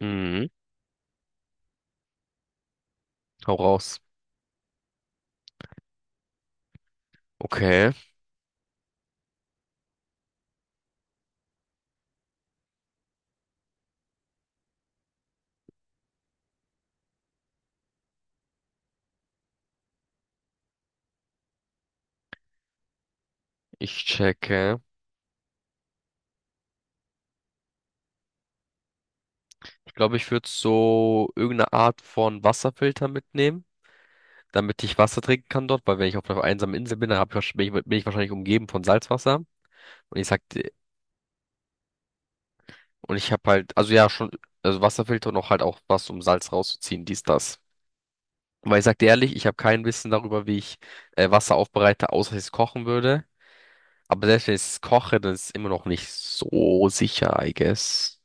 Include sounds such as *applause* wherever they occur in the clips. Mhm. Hau raus. Okay, ich checke. Ich glaube, ich würde so irgendeine Art von Wasserfilter mitnehmen, damit ich Wasser trinken kann dort, weil wenn ich auf einer einsamen Insel bin, dann hab ich, wahrsch- bin ich wahrscheinlich umgeben von Salzwasser. Und ich sag, dir- und ich habe halt, also ja, schon, also Wasserfilter und auch halt auch was, um Salz rauszuziehen, dies, das. Weil ich sag dir ehrlich, ich habe kein Wissen darüber, wie ich Wasser aufbereite, außer dass ich es kochen würde. Aber selbst wenn ich es koche, dann ist es immer noch nicht so sicher, I guess.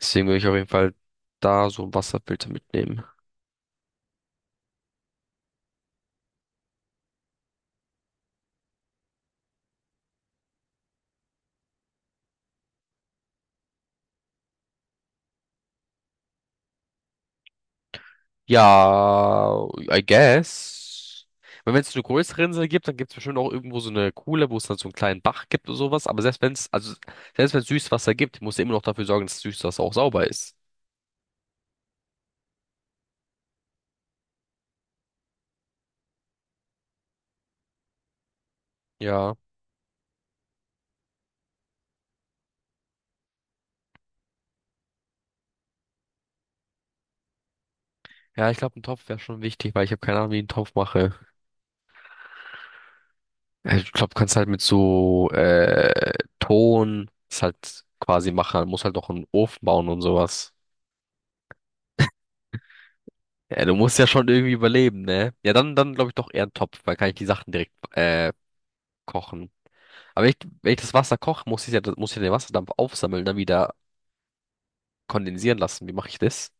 Deswegen würde ich auf jeden Fall da so einen Wasserfilter mitnehmen. Ja, I guess, wenn es eine größere Insel gibt, dann gibt es bestimmt auch irgendwo so eine Kuhle, wo es dann so einen kleinen Bach gibt oder sowas. Aber selbst wenn es, also selbst wenn es Süßwasser gibt, muss du immer noch dafür sorgen, dass das Süßwasser auch sauber ist. Ja. Ja, ich glaube, ein Topf wäre schon wichtig, weil ich habe keine Ahnung, wie ich einen Topf mache. Ich glaube, kannst halt mit so Ton das halt quasi machen. Muss halt noch einen Ofen bauen und sowas. Ja, du musst ja schon irgendwie überleben, ne? Ja, dann glaube ich doch eher einen Topf, weil kann ich die Sachen direkt kochen. Aber wenn ich das Wasser koche, muss ich ja den Wasserdampf aufsammeln, dann wieder kondensieren lassen. Wie mache ich das?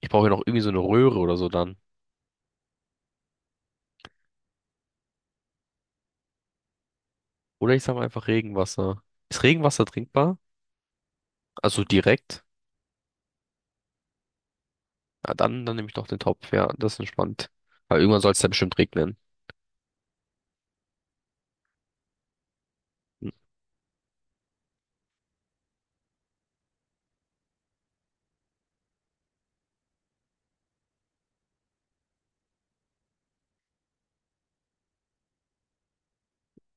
Ich brauche ja noch irgendwie so eine Röhre oder so dann. Oder ich sage mal einfach Regenwasser. Ist Regenwasser trinkbar? Also direkt? Ja, dann nehme ich doch den Topf, ja, das ist entspannt. Weil irgendwann soll es ja bestimmt regnen. Hm.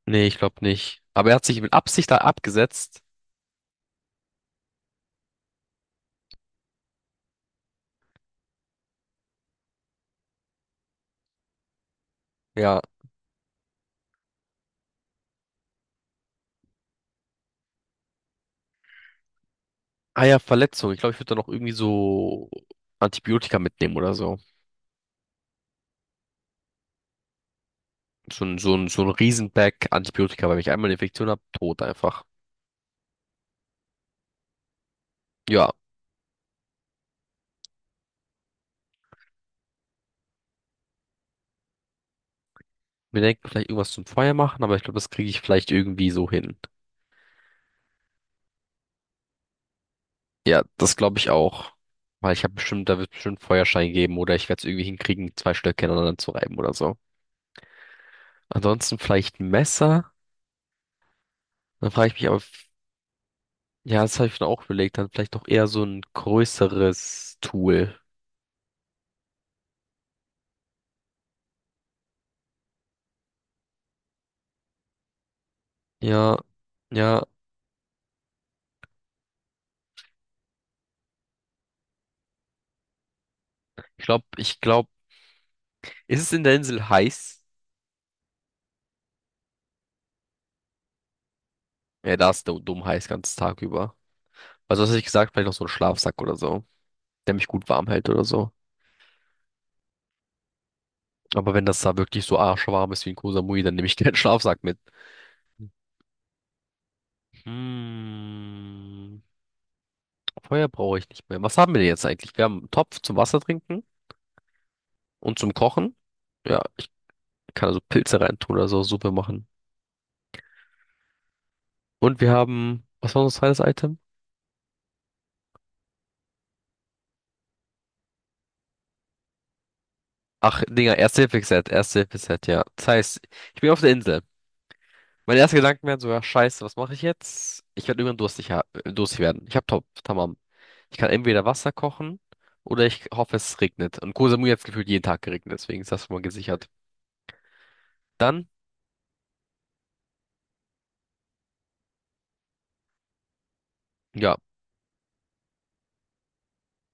Nee, ich glaube nicht. Aber er hat sich mit Absicht da abgesetzt. Ja. Ah ja, Verletzung. Ich glaube, ich würde da noch irgendwie so Antibiotika mitnehmen oder so. So ein Riesenpack Antibiotika, weil wenn ich einmal eine Infektion habe, tot einfach. Ja, wir denken vielleicht irgendwas zum Feuer machen, aber ich glaube, das kriege ich vielleicht irgendwie so hin. Ja, das glaube ich auch. Weil ich habe bestimmt, da wird bestimmt einen Feuerschein geben oder ich werde es irgendwie hinkriegen, zwei Stöcke aneinander zu reiben oder so. Ansonsten vielleicht ein Messer. Dann frage ich mich aber, ja, das habe ich mir auch überlegt, dann vielleicht doch eher so ein größeres Tool. Ja, ja. Ich glaube, ist es in der Insel heiß? Ja, da ist dumm heiß, ganz Tag über. Also, was hätte ich gesagt? Vielleicht noch so ein Schlafsack oder so, der mich gut warm hält oder so. Aber wenn das da wirklich so arschwarm ist wie in Koh Samui, dann nehme ich keinen Schlafsack mit. Hm, Feuer brauche ich nicht mehr. Was haben wir denn jetzt eigentlich? Wir haben einen Topf zum Wasser trinken und zum Kochen. Ja, ich kann also Pilze reintun oder so, Suppe machen. Und wir haben, was war unser zweites Item? Ach, Dinger, Erste-Hilfe-Set, ja. Das heißt, ich bin auf der Insel. Meine ersten Gedanken wären sogar, scheiße, was mache ich jetzt? Ich werde irgendwann durstig, ha durstig werden. Ich habe Top, Tamam. Ich kann entweder Wasser kochen oder ich hoffe, es regnet. Und Koh Samui hat gefühlt jeden Tag geregnet, deswegen ist das schon mal gesichert. Dann, ja,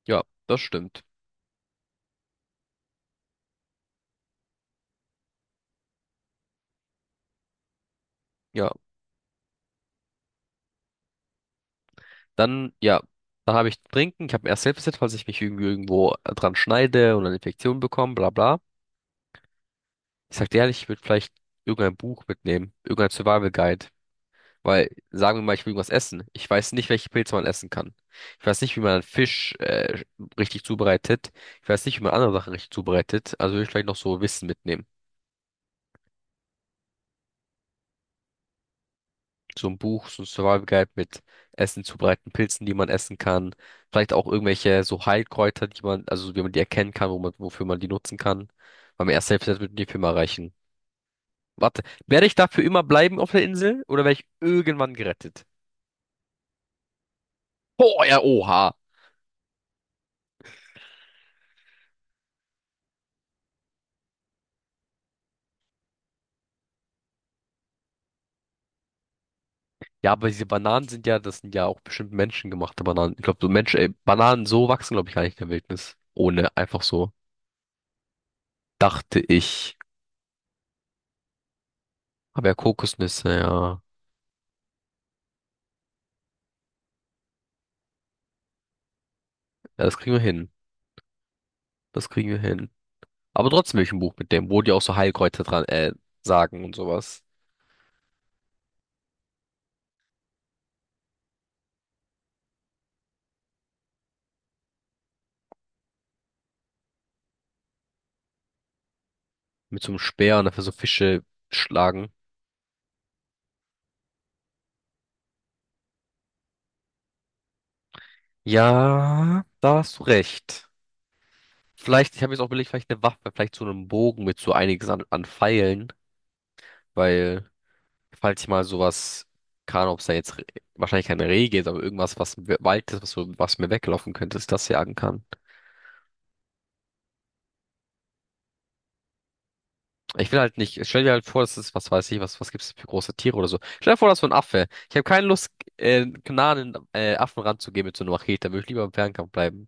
ja, das stimmt. Ja, ja, dann habe ich Trinken. Ich habe erst Selbstbesitz, falls ich mich irgendwie irgendwo dran schneide und eine Infektion bekomme, bla bla. Ich sag dir ehrlich, ich würde vielleicht irgendein Buch mitnehmen, irgendein Survival Guide. Weil, sagen wir mal, ich will irgendwas essen. Ich weiß nicht, welche Pilze man essen kann. Ich weiß nicht, wie man einen Fisch richtig zubereitet. Ich weiß nicht, wie man andere Sachen richtig zubereitet. Also will ich vielleicht noch so Wissen mitnehmen. So ein Buch, so ein Survival Guide mit Essen zubereiten, Pilzen, die man essen kann. Vielleicht auch irgendwelche so Heilkräuter, die man, also wie man die erkennen kann, wo man, wofür man die nutzen kann. Weil mir erst selbst das würde die Firma erreichen. Warte, werde ich dafür immer bleiben auf der Insel oder werde ich irgendwann gerettet? Boah, ja, oha. Ja, aber diese Bananen sind ja, das sind ja auch bestimmt menschengemachte Bananen. Ich glaube, so Menschen, Bananen so wachsen, glaube ich, gar nicht in der Wildnis. Ohne, einfach so. Dachte ich. Aber ja, Kokosnüsse, ja. Ja, das kriegen wir hin. Das kriegen wir hin. Aber trotzdem will ich ein Buch mit dem, wo die auch so Heilkräuter dran, sagen und sowas. Mit so einem Speer und dafür so Fische schlagen. Ja, da hast du recht. Vielleicht, ich habe jetzt auch überlegt, vielleicht eine Waffe, vielleicht so einen Bogen mit so einiges an Pfeilen, weil. Falls ich mal sowas kann, ob es da jetzt wahrscheinlich keine Rehe gibt, aber irgendwas, was im Wald ist, was, so, was mir weglaufen könnte, dass ich das jagen kann. Ich will halt nicht, stell dir halt vor, das ist, was weiß ich, was, was gibt es für große Tiere oder so. Stell dir vor, das ist so ein Affe. Ich habe keine Lust, nah an den Affen ranzugehen mit so einer Machete, da würde ich lieber im Fernkampf bleiben.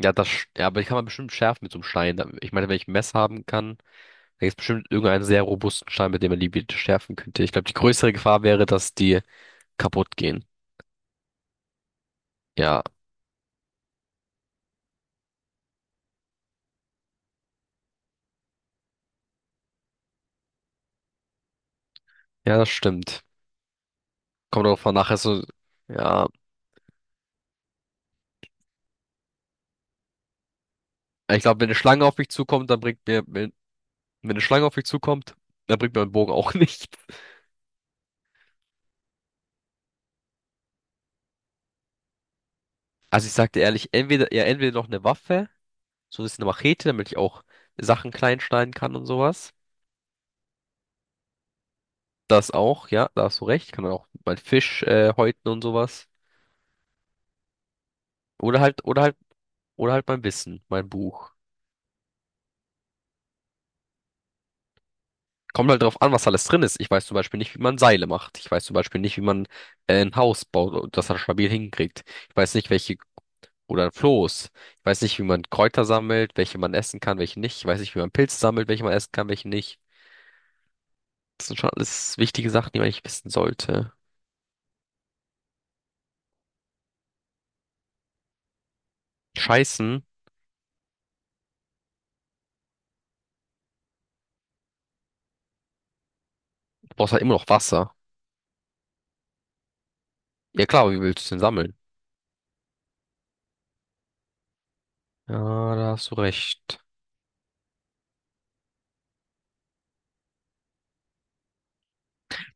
Ja, ja, aber die kann man bestimmt schärfen mit so einem Stein. Ich meine, wenn ich ein Messer haben kann, dann gibt es bestimmt irgendeinen sehr robusten Stein, mit dem man die bitte schärfen könnte. Ich glaube, die größere Gefahr wäre, dass die kaputt gehen. Ja, ja, das stimmt. Kommt drauf an, nachher so, ja. Ich glaube, wenn eine Schlange auf mich zukommt, dann bringt mir, wenn eine Schlange auf mich zukommt, dann bringt mir ein Bogen auch *laughs* nicht. Also ich sagte ehrlich, entweder, ja, entweder noch eine Waffe, so ein bisschen eine Machete, damit ich auch Sachen klein schneiden kann und sowas. Das auch, ja, da hast du recht, kann man auch mein Fisch, häuten und sowas. Oder halt, oder halt, oder halt mein Wissen, mein Buch. Kommt halt drauf an, was alles drin ist. Ich weiß zum Beispiel nicht, wie man Seile macht. Ich weiß zum Beispiel nicht, wie man ein Haus baut und das dann stabil hinkriegt. Ich weiß nicht, welche. Oder ein Floß. Ich weiß nicht, wie man Kräuter sammelt, welche man essen kann, welche nicht. Ich weiß nicht, wie man Pilze sammelt, welche man essen kann, welche nicht. Das sind schon alles wichtige Sachen, die man eigentlich wissen sollte. Scheißen, du brauchst halt immer noch Wasser. Ja klar, aber wie willst du es denn sammeln? Ja, da hast du recht.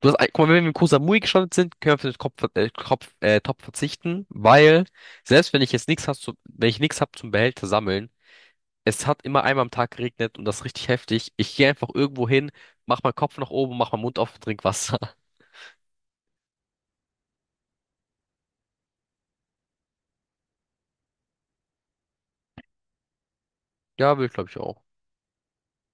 Du hast, guck mal, wenn wir mit Kusamui gestartet sind, können wir auf den Kopf, Kopf, Topf verzichten, weil selbst wenn ich jetzt nichts hast, wenn ich nichts hab zum Behälter sammeln, es hat immer einmal am Tag geregnet und das ist richtig heftig. Ich gehe einfach irgendwo hin, mach meinen Kopf nach oben, mach meinen Mund auf und trink Wasser. Ja, will ich glaube ich auch.